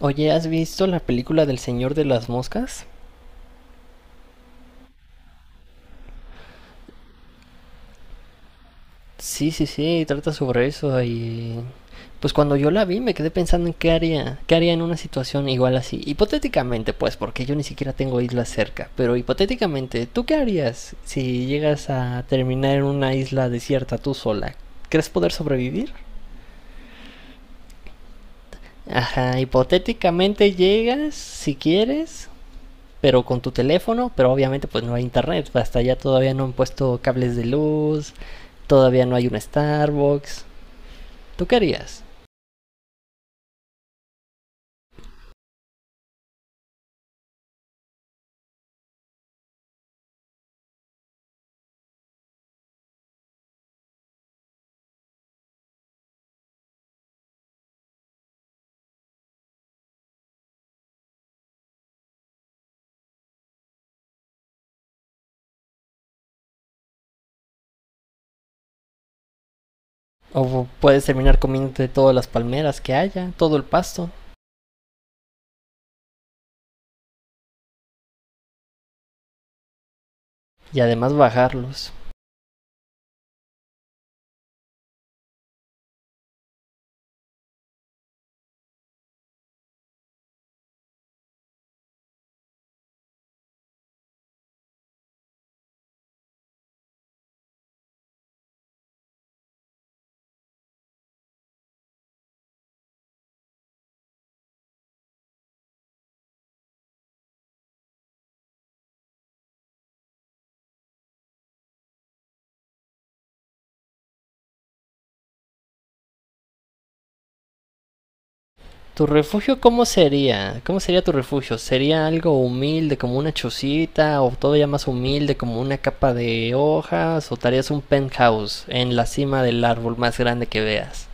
Oye, ¿has visto la película del Señor de las Moscas? Sí, sí, sí, trata sobre eso y pues cuando yo la vi me quedé pensando en qué haría en una situación igual así. Hipotéticamente, pues, porque yo ni siquiera tengo islas cerca, pero hipotéticamente, ¿tú qué harías si llegas a terminar en una isla desierta tú sola? ¿Crees poder sobrevivir? Ajá, hipotéticamente llegas, si quieres, pero con tu teléfono, pero obviamente pues no hay internet, hasta allá todavía no han puesto cables de luz, todavía no hay un Starbucks. ¿Tú qué harías? O puedes terminar comiéndote todas las palmeras que haya, todo el pasto, y además bajarlos. ¿Tu refugio cómo sería? ¿Cómo sería tu refugio? ¿Sería algo humilde como una chocita o todavía más humilde como una capa de hojas o te harías un penthouse en la cima del árbol más grande que veas?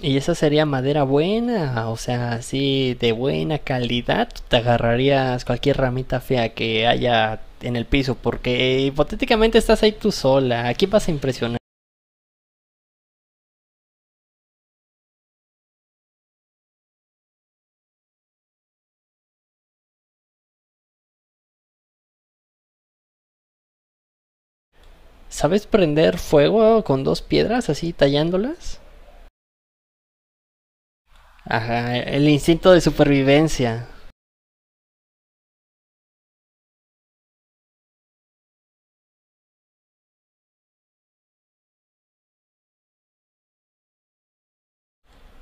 Y esa sería madera buena, o sea, así de buena calidad. Te agarrarías cualquier ramita fea que haya en el piso, porque hipotéticamente estás ahí tú sola. Aquí vas a impresionar. ¿Sabes prender fuego con dos piedras así tallándolas? Ajá, el instinto de supervivencia.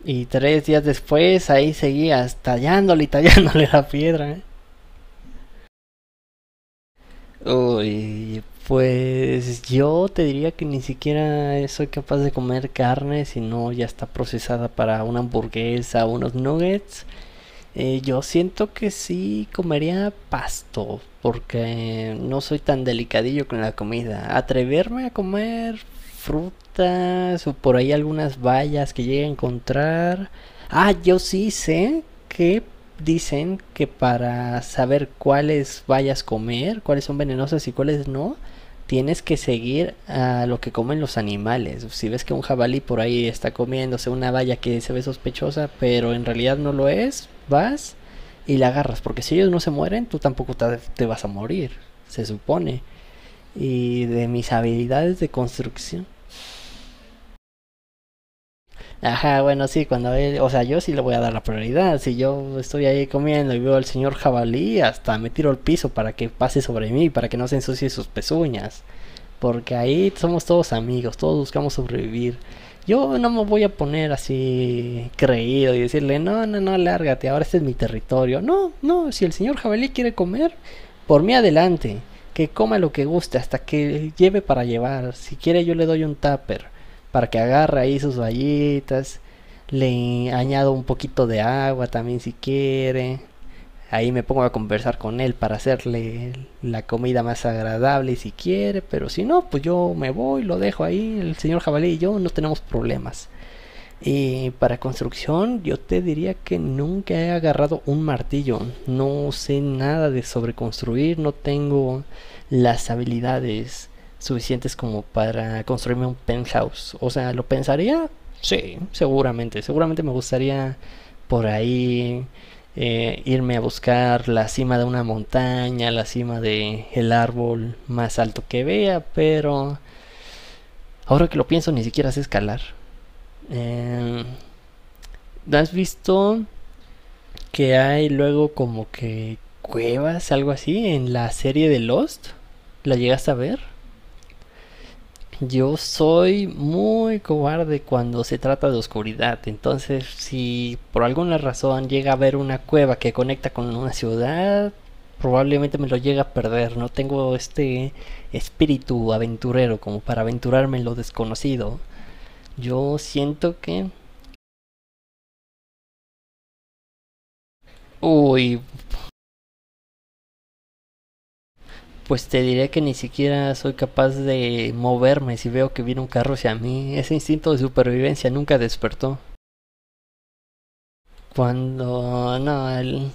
Y 3 días después ahí seguías tallándole y tallándole la piedra, ¿eh? Uy, pues yo te diría que ni siquiera soy capaz de comer carne si no ya está procesada para una hamburguesa o unos nuggets. Yo siento que sí comería pasto, porque no soy tan delicadillo con la comida. Atreverme a comer frutas o por ahí algunas bayas que llegue a encontrar. Ah, yo sí sé que dicen que para saber cuáles bayas comer, cuáles son venenosas y cuáles no, tienes que seguir a lo que comen los animales. Si ves que un jabalí por ahí está comiéndose una valla que se ve sospechosa, pero en realidad no lo es, vas y la agarras. Porque si ellos no se mueren, tú tampoco te, vas a morir, se supone. Y de mis habilidades de construcción. Ajá, bueno, sí, cuando él, o sea, yo sí le voy a dar la prioridad. Si yo estoy ahí comiendo y veo al señor jabalí, hasta me tiro al piso para que pase sobre mí, para que no se ensucie sus pezuñas. Porque ahí somos todos amigos, todos buscamos sobrevivir. Yo no me voy a poner así creído y decirle, no, no, no, lárgate, ahora este es mi territorio. No, no, si el señor jabalí quiere comer, por mí adelante, que coma lo que guste, hasta que lleve para llevar. Si quiere yo le doy un tupper, para que agarre ahí sus vallitas, le añado un poquito de agua también si quiere. Ahí me pongo a conversar con él para hacerle la comida más agradable si quiere, pero si no, pues yo me voy, lo dejo ahí, el señor jabalí y yo no tenemos problemas. Y para construcción yo te diría que nunca he agarrado un martillo. No sé nada de sobreconstruir, no tengo las habilidades suficientes como para construirme un penthouse. O sea, ¿lo pensaría? Sí, seguramente. Seguramente me gustaría por ahí irme a buscar la cima de una montaña, la cima de el árbol más alto que vea, pero ahora que lo pienso ni siquiera sé escalar. Eh, ¿Has visto que hay luego como que cuevas, algo así, en la serie de Lost? ¿La llegaste a ver? Yo soy muy cobarde cuando se trata de oscuridad, entonces si por alguna razón llega a haber una cueva que conecta con una ciudad, probablemente me lo llegue a perder. No tengo este espíritu aventurero como para aventurarme en lo desconocido. Yo siento que... Uy, pues te diré que ni siquiera soy capaz de moverme si veo que viene un carro hacia mí. Ese instinto de supervivencia nunca despertó. Cuando... No, el...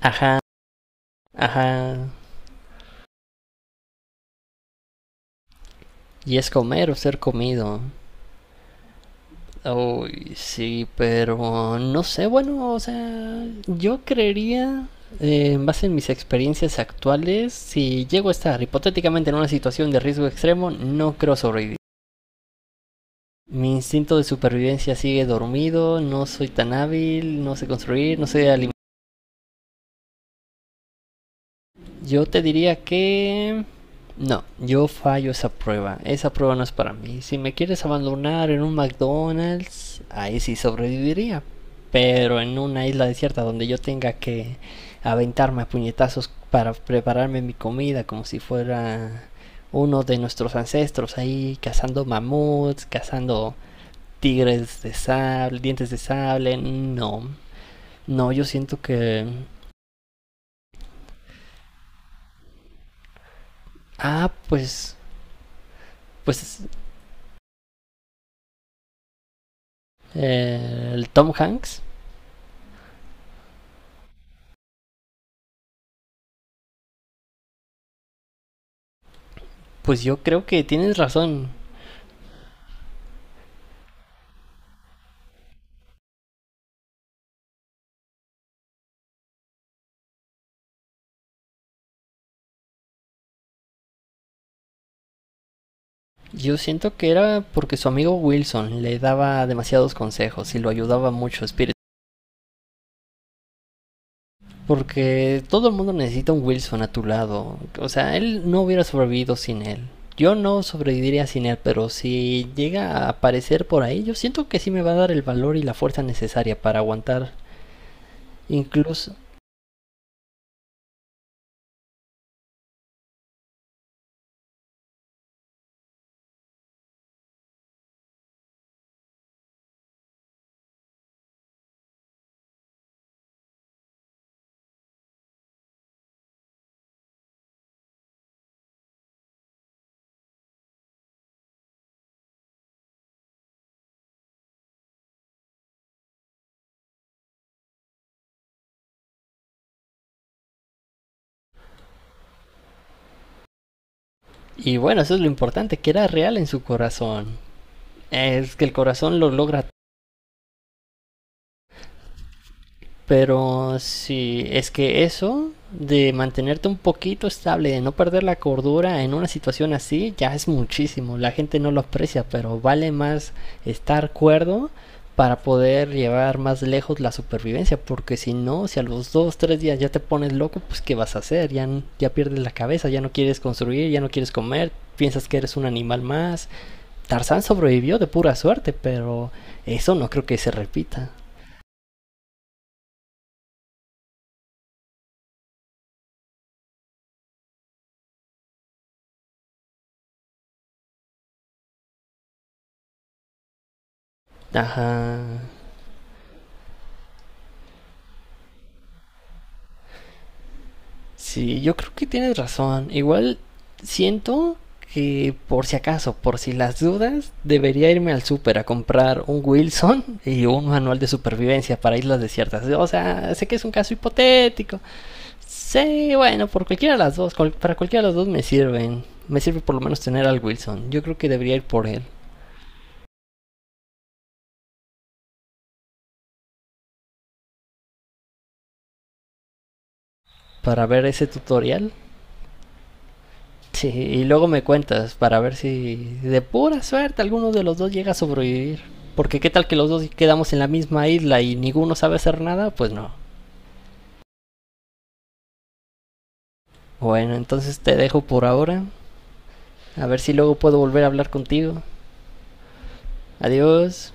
Ajá, ajá. Y es comer o ser comido. Uy, sí, pero no sé, bueno, o sea, yo creería, en base en mis experiencias actuales, si llego a estar hipotéticamente en una situación de riesgo extremo, no creo sobrevivir. Mi instinto de supervivencia sigue dormido, no soy tan hábil, no sé construir, no sé alimentar. Yo te diría que... No, yo fallo esa prueba. Esa prueba no es para mí. Si me quieres abandonar en un McDonald's, ahí sí sobreviviría. Pero en una isla desierta donde yo tenga que aventarme a puñetazos para prepararme mi comida como si fuera uno de nuestros ancestros ahí cazando mamuts, cazando Tigres de Sable, Dientes de Sable, no. No, yo siento que... Ah, pues... Pues el Tom Hanks, pues yo creo que tienes razón. Yo siento que era porque su amigo Wilson le daba demasiados consejos y lo ayudaba mucho, Spirit. Porque todo el mundo necesita un Wilson a tu lado. O sea, él no hubiera sobrevivido sin él. Yo no sobreviviría sin él, pero si llega a aparecer por ahí, yo siento que sí me va a dar el valor y la fuerza necesaria para aguantar. Incluso, y bueno, eso es lo importante, que era real en su corazón. Es que el corazón lo logra, pero si es que eso de mantenerte un poquito estable, de no perder la cordura en una situación así, ya es muchísimo. La gente no lo aprecia, pero vale más estar cuerdo para poder llevar más lejos la supervivencia, porque si no, si a los 2, 3 días ya te pones loco, pues ¿qué vas a hacer? Ya, ya pierdes la cabeza, ya no quieres construir, ya no quieres comer, piensas que eres un animal más, Tarzán sobrevivió de pura suerte, pero eso no creo que se repita. Ajá. Sí, yo creo que tienes razón. Igual siento que por si acaso, por si las dudas, debería irme al súper a comprar un Wilson y un manual de supervivencia para islas desiertas. O sea, sé que es un caso hipotético. Sí, bueno, por cualquiera de las dos, para cualquiera de las dos me sirven. Me sirve por lo menos tener al Wilson. Yo creo que debería ir por él para ver ese tutorial. Sí, y luego me cuentas para ver si de pura suerte alguno de los dos llega a sobrevivir. Porque qué tal que los dos quedamos en la misma isla y ninguno sabe hacer nada, pues no. Bueno, entonces te dejo por ahora. A ver si luego puedo volver a hablar contigo. Adiós.